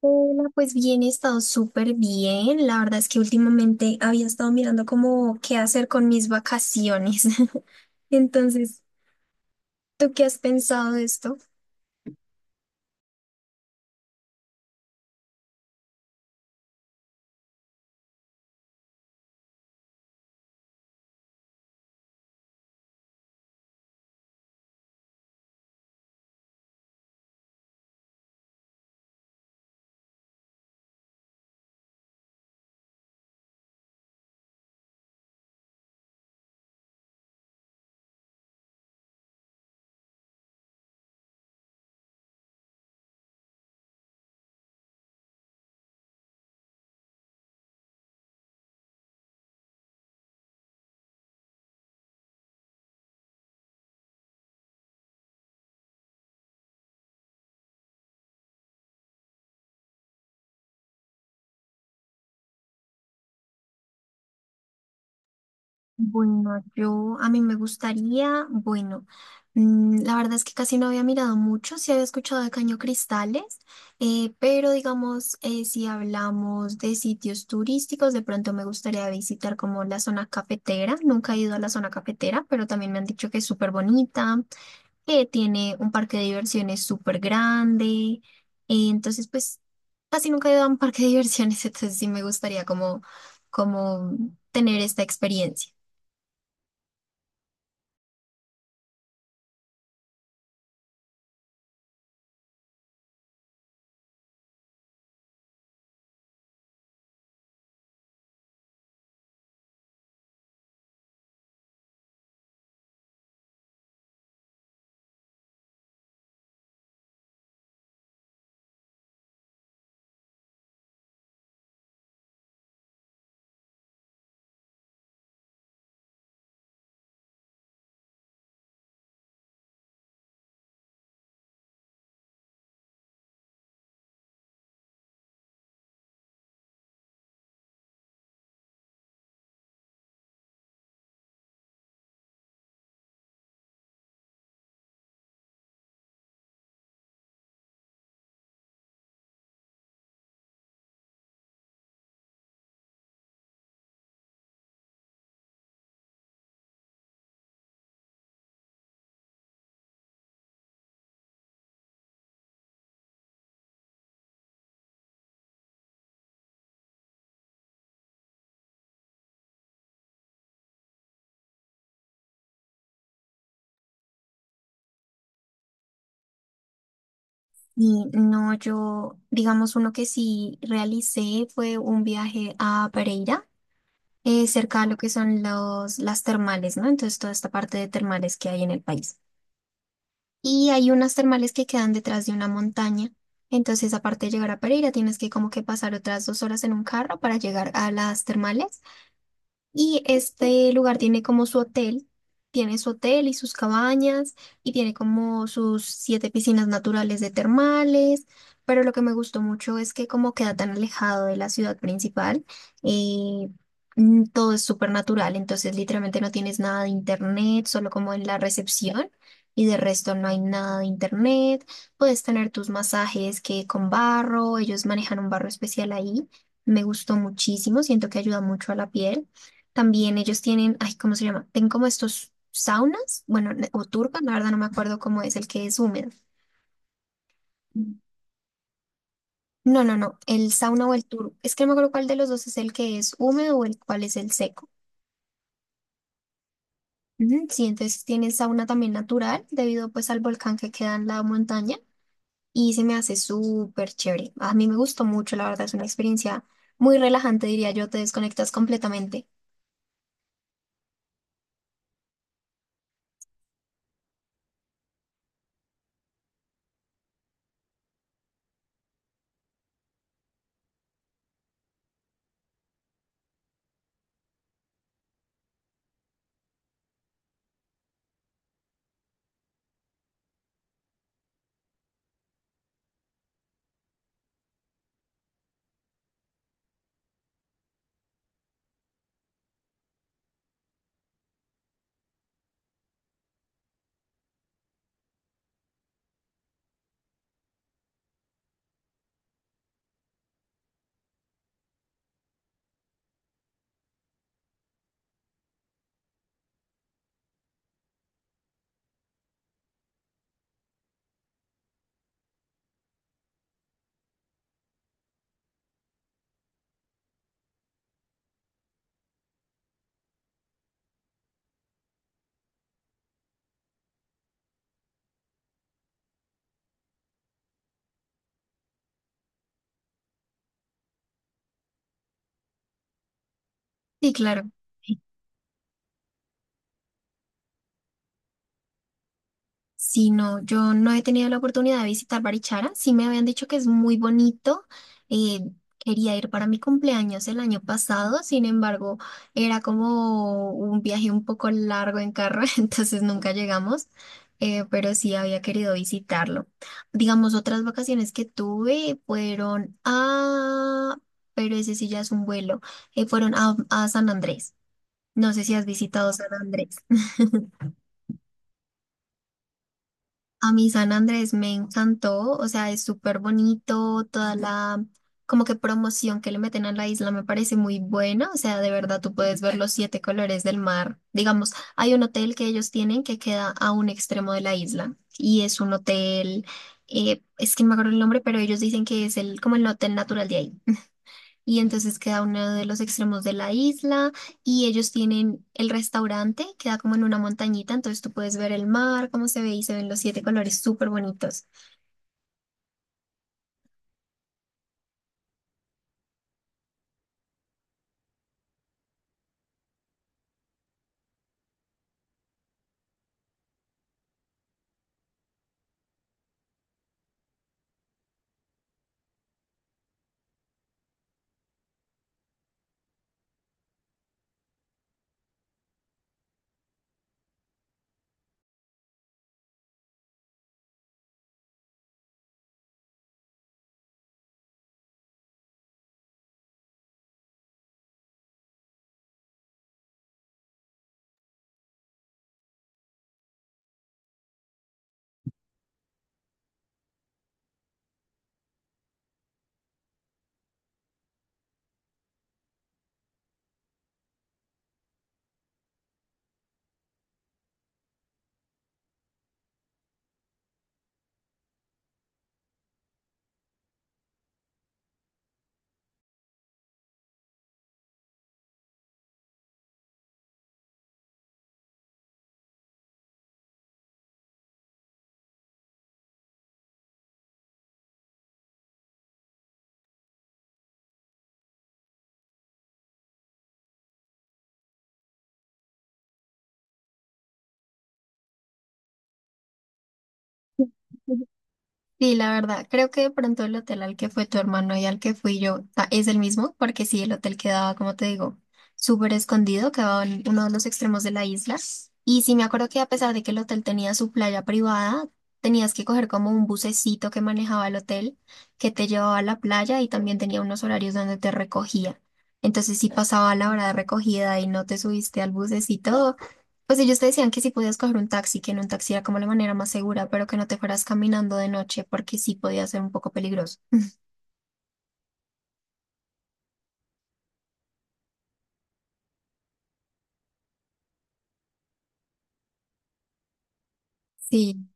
Hola, pues bien, he estado súper bien. La verdad es que últimamente había estado mirando como qué hacer con mis vacaciones. Entonces, ¿tú qué has pensado de esto? Bueno, yo a mí me gustaría, bueno, la verdad es que casi no había mirado mucho, sí había escuchado de Caño Cristales, pero digamos, si hablamos de sitios turísticos, de pronto me gustaría visitar como la zona cafetera, nunca he ido a la zona cafetera, pero también me han dicho que es súper bonita. Que tiene un parque de diversiones súper grande. Entonces, pues, casi nunca he ido a un parque de diversiones, entonces sí me gustaría como, como tener esta experiencia. Y no, yo, digamos, uno que sí realicé fue un viaje a Pereira, cerca de lo que son las termales, ¿no? Entonces, toda esta parte de termales que hay en el país. Y hay unas termales que quedan detrás de una montaña. Entonces, aparte de llegar a Pereira, tienes que como que pasar otras 2 horas en un carro para llegar a las termales. Y este lugar tiene como su hotel, tiene su hotel y sus cabañas y tiene como sus siete piscinas naturales de termales, pero lo que me gustó mucho es que como queda tan alejado de la ciudad principal, eh, todo es súper natural, entonces literalmente no tienes nada de internet, solo como en la recepción. Y de resto no hay nada de internet. Puedes tener tus masajes que con barro, ellos manejan un barro especial ahí. Me gustó muchísimo, siento que ayuda mucho a la piel. También ellos tienen, ay, ¿cómo se llama? Tienen como estos saunas, bueno, o turban, la verdad no me acuerdo cómo es el que es húmedo. No, no, no, el sauna o el turbo. Es que no me acuerdo cuál de los dos es el que es húmedo o el cuál es el seco. Ujú, sí, entonces tienen sauna también natural debido pues al volcán que queda en la montaña y se me hace súper chévere. A mí me gustó mucho, la verdad, es una experiencia muy relajante, diría yo, te desconectas completamente. Sí, claro. Sí, no, yo no he tenido la oportunidad de visitar Barichara. Sí me habían dicho que es muy bonito. eh, Quería ir para mi cumpleaños el año pasado, sin embargo, era como un viaje un poco largo en carro, entonces nunca llegamos, pero sí había querido visitarlo. Digamos, otras vacaciones que tuve fueron a, pero ese sí ya es un vuelo, fueron a San Andrés. No sé si has visitado San Andrés. A mí San Andrés me encantó, o sea, es súper bonito, toda la como que promoción que le meten a la isla me parece muy buena, o sea, de verdad tú puedes ver los siete colores del mar. Digamos, hay un hotel que ellos tienen que queda a un extremo de la isla y es un hotel, es que no me acuerdo el nombre, pero ellos dicen que es el como el hotel natural de ahí. Y entonces queda uno de los extremos de la isla y ellos tienen el restaurante, queda como en una montañita, entonces tú puedes ver el mar, cómo se ve y se ven los siete colores súper bonitos. Sí, la verdad, creo que de pronto el hotel al que fue tu hermano y al que fui yo es el mismo, porque sí, el hotel quedaba, como te digo, súper escondido, quedaba en uno de los extremos de la isla. Y sí, me acuerdo que a pesar de que el hotel tenía su playa privada, tenías que coger como un bucecito que manejaba el hotel, que te llevaba a la playa y también tenía unos horarios donde te recogía. Entonces, si pasaba la hora de recogida y no te subiste al bucecito, pues ellos te decían que sí podías coger un taxi, que en un taxi era como la manera más segura, pero que no te fueras caminando de noche porque sí podía ser un poco peligroso. Sí.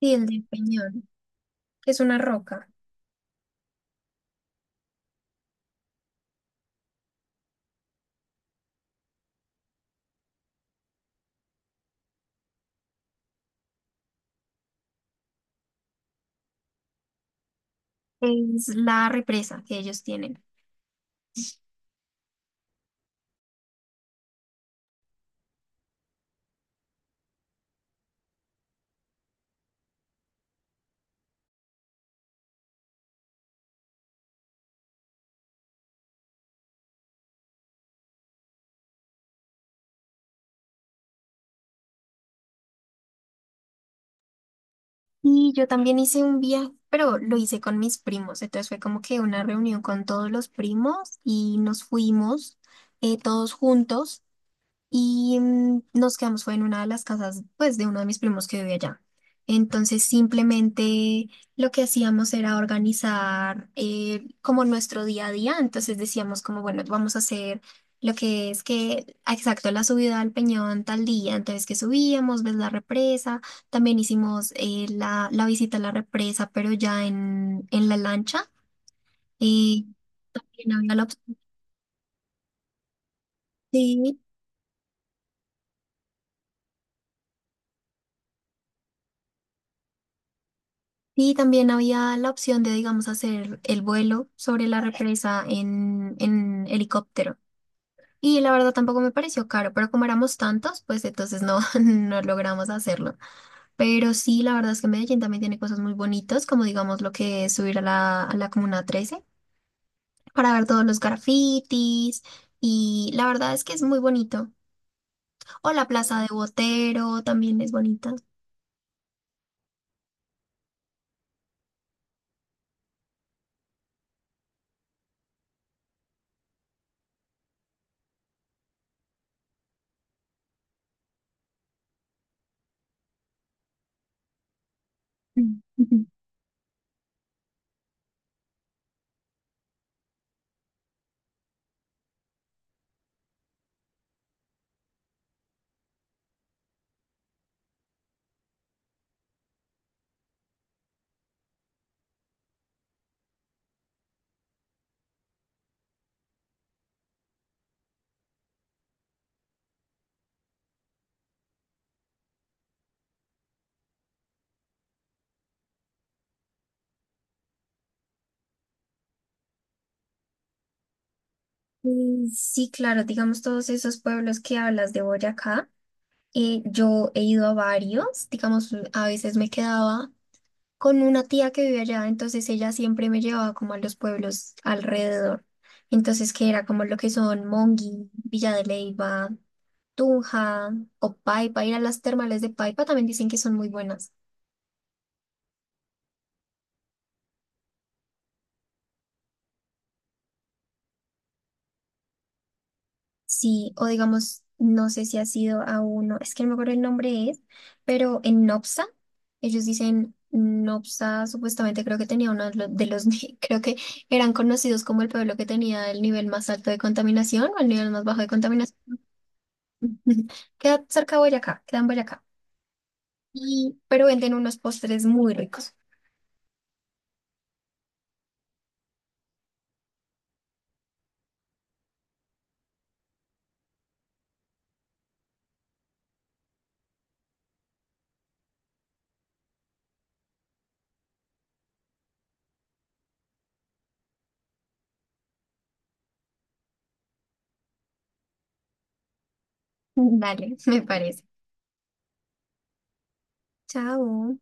Sí, el del Peñón, que es una roca, es la represa que ellos tienen. Y yo también hice un viaje, pero lo hice con mis primos, entonces fue como que una reunión con todos los primos y nos fuimos todos juntos. Y nos quedamos, fue en una de las casas, pues, de uno de mis primos que vivía allá. Entonces, simplemente lo que hacíamos era organizar como nuestro día a día. Entonces decíamos como, bueno, vamos a hacer lo que es que, exacto, la subida al Peñón tal día. Entonces, que subíamos, ves la represa. También hicimos la visita a la represa, pero ya en la lancha. Eh, también había la opción. Y también había la opción de, digamos, hacer el vuelo sobre la represa en helicóptero. Y la verdad tampoco me pareció caro, pero como éramos tantos, pues entonces no, no logramos hacerlo. Pero sí, la verdad es que Medellín también tiene cosas muy bonitas, como digamos lo que es subir a a la Comuna 13 para ver todos los grafitis. Y la verdad es que es muy bonito. O la Plaza de Botero también es bonita. Mm, ujú. Mm, sí, claro, digamos todos esos pueblos que hablas de Boyacá. Yo he ido a varios, digamos, a veces me quedaba con una tía que vive allá, entonces ella siempre me llevaba como a los pueblos alrededor. Entonces, que era como lo que son Monguí, Villa de Leyva, Tunja o Paipa, ir a las termales de Paipa también dicen que son muy buenas. Sí, o digamos, no sé si ha sido a uno, es que no me acuerdo el nombre es, pero en Nopsa, ellos dicen Nopsa, supuestamente creo que tenía uno de ni- creo que eran conocidos como el pueblo que tenía el nivel más alto de contaminación o el nivel más bajo de contaminación. Queda cerca de Boyacá, queda en Boyacá. Y, pero venden unos postres muy ricos. Dale, me parece. Chao.